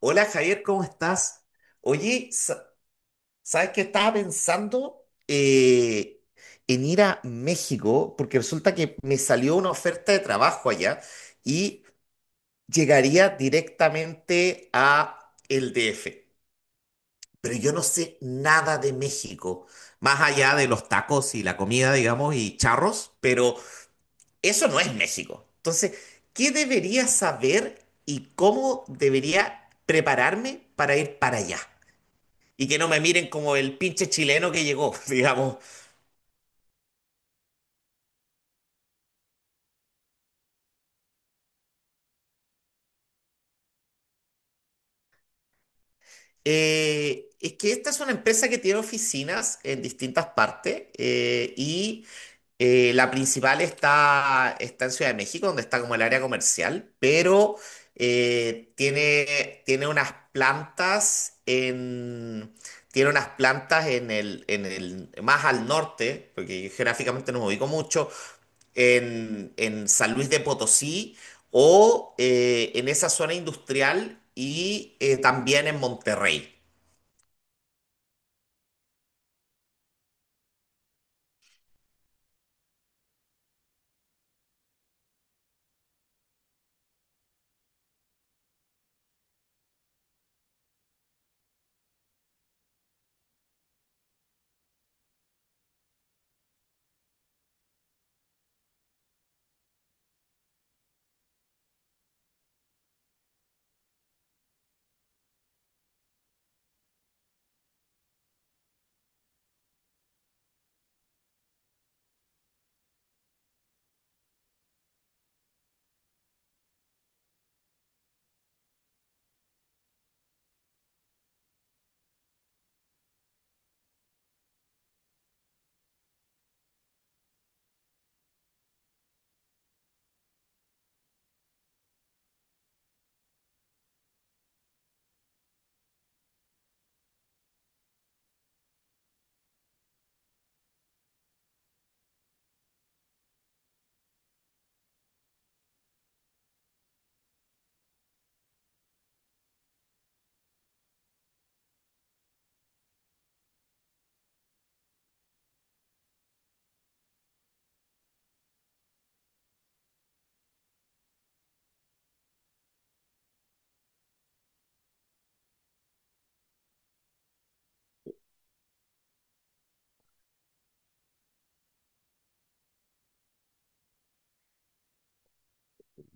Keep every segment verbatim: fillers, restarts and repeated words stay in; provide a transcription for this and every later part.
Hola Javier, ¿cómo estás? Oye, sa- ¿Sabes qué estaba pensando? Eh, en ir a México, porque resulta que me salió una oferta de trabajo allá y llegaría directamente a el D F. Pero yo no sé nada de México, más allá de los tacos y la comida, digamos, y charros, pero eso no es México. Entonces, ¿qué debería saber y cómo debería prepararme para ir para allá? Y que no me miren como el pinche chileno que llegó, digamos. Eh, es que esta es una empresa que tiene oficinas en distintas partes, eh, y eh, la principal está, está en Ciudad de México, donde está como el área comercial, pero eh, tiene, tiene unas plantas en... Tiene unas plantas en el, en el, más al norte, porque yo geográficamente no me ubico mucho, en, en San Luis de Potosí o eh, en esa zona industrial y eh, también en Monterrey.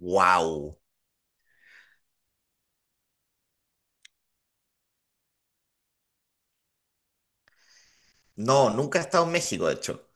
¡Wow! No, nunca he estado en México, de hecho.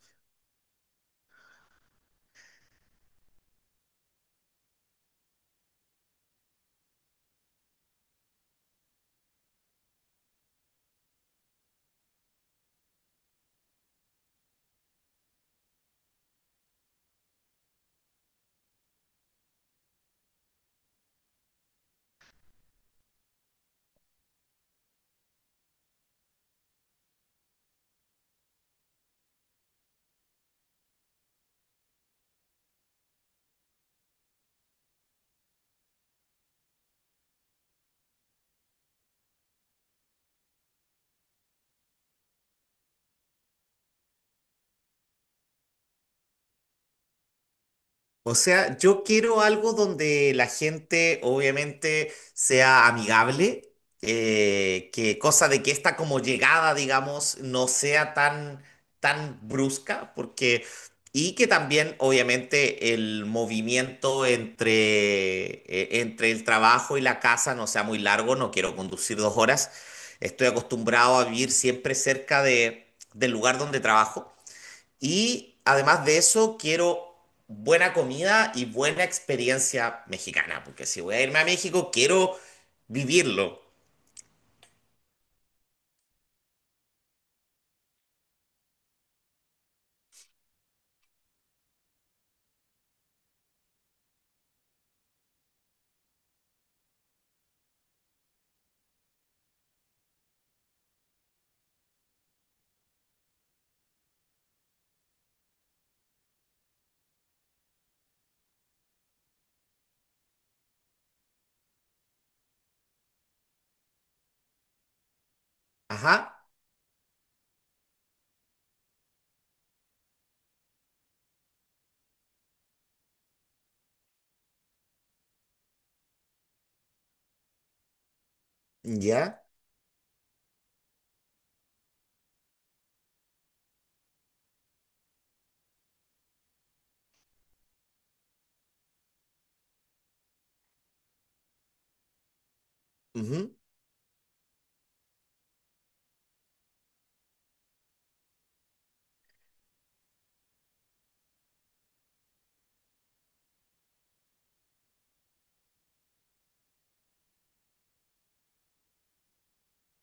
O sea, yo quiero algo donde la gente obviamente sea amigable, eh, que cosa de que esta como llegada, digamos, no sea tan, tan brusca, porque, y que también obviamente el movimiento entre, eh, entre el trabajo y la casa no sea muy largo, no quiero conducir dos horas, estoy acostumbrado a vivir siempre cerca de, del lugar donde trabajo. Y además de eso, quiero buena comida y buena experiencia mexicana, porque si voy a irme a México, quiero vivirlo. Ajá, ya, ujú,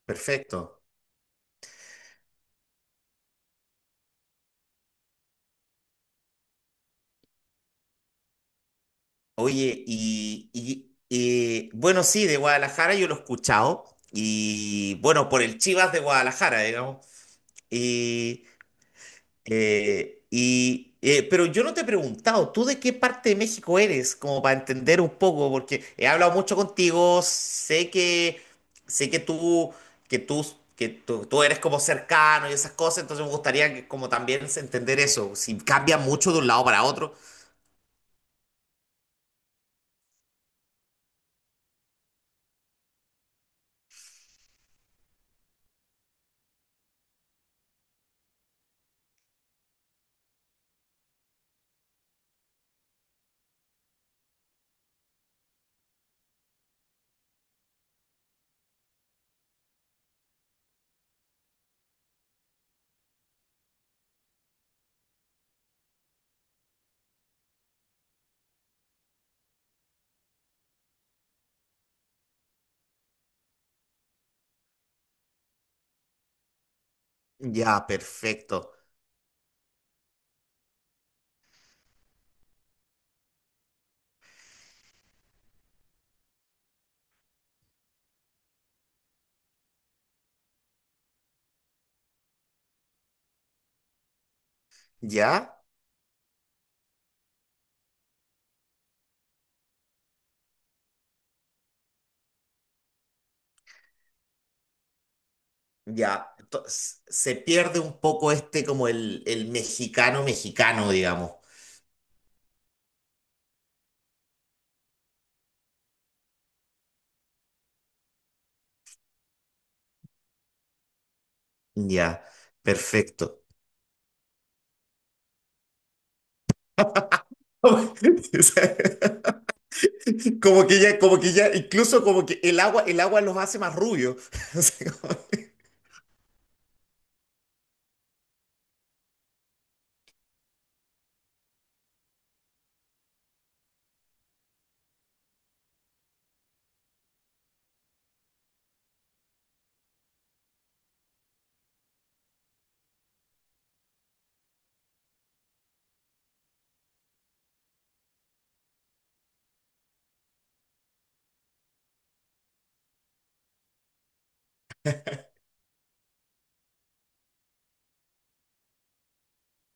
perfecto. Oye, y, y- y, bueno, sí, de Guadalajara yo lo he escuchado, y bueno, por el Chivas de Guadalajara, digamos. Eh, y, eh, pero yo no te he preguntado, ¿tú de qué parte de México eres? Como para entender un poco, porque he hablado mucho contigo, sé que, sé que tú, que tú, que tú, tú eres como cercano y esas cosas, entonces me gustaría que como también se- entender eso, si cambia mucho de un lado para otro. Ya, perfecto. Ya, ya. Entonces, se pierde un poco este como el, el mexicano mexicano, digamos. Ya, perfecto. Como que ya, como que ya, incluso como que el agua, el agua los hace más rubios. Así como-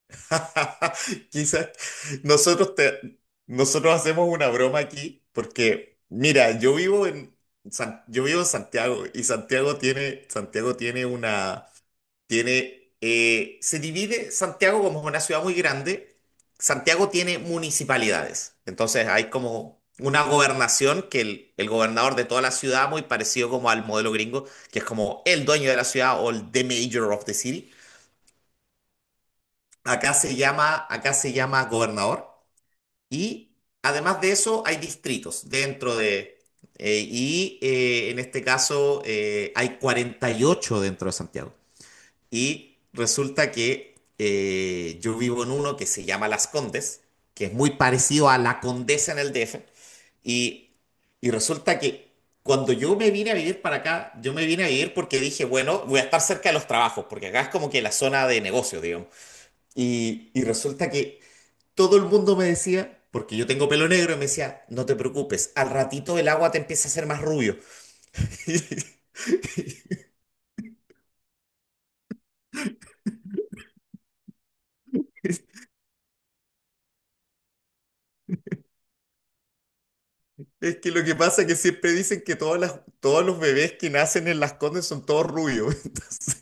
Quizás nosotros, te- nosotros hacemos una broma aquí porque, mira, yo vivo en, San- yo vivo en Santiago y Santiago tiene, Santiago tiene una, tiene, eh, se divide, Santiago, como es una ciudad muy grande, Santiago tiene municipalidades, entonces hay como una gobernación que el, el gobernador de toda la ciudad, muy parecido como al modelo gringo, que es como el dueño de la ciudad o el the mayor of the city. Acá se llama, acá se llama gobernador y además de eso hay distritos dentro de... eh, y eh, En este caso eh, hay cuarenta y ocho dentro de Santiago. Y resulta que eh, yo vivo en uno que se llama Las Condes, que es muy parecido a La Condesa en el D F. Y, y resulta que cuando yo me vine a vivir para acá, yo me vine a vivir porque dije, bueno, voy a estar cerca de los trabajos, porque acá es como que la zona de negocios, digamos. Y, y resulta que todo el mundo me decía, porque yo tengo pelo negro, y me decía, no te preocupes, al ratito el agua te empieza a hacer más rubio. Y Es es que lo que pasa es que siempre dicen que todas las, todos los bebés que nacen en las Condes son todos rubios. Entonces,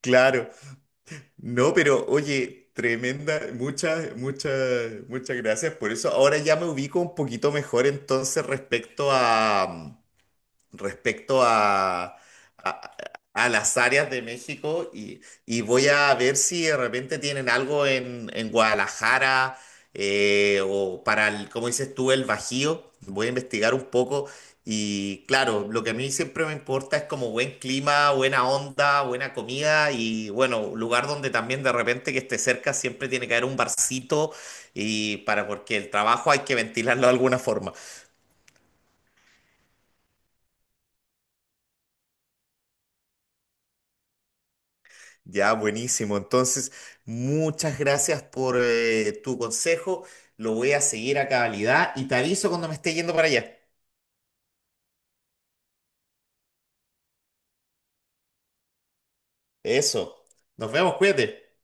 claro, no, pero oye, tremenda, muchas, muchas, muchas gracias por eso. Ahora ya me ubico un poquito mejor entonces respecto a respecto a, a- a las áreas de México y, y voy a ver si de repente tienen algo en, en Guadalajara, eh, o para, el, como dices tú, el Bajío. Voy a investigar un poco y claro, lo que a mí siempre me importa es como buen clima, buena onda, buena comida y bueno, lugar donde también de repente que esté cerca siempre tiene que haber un barcito y para porque el trabajo hay que ventilarlo de alguna forma. Ya, buenísimo. Entonces, muchas gracias por eh, tu consejo. Lo voy a seguir a cabalidad y te aviso cuando me esté yendo para allá. Eso. Nos vemos, cuídate.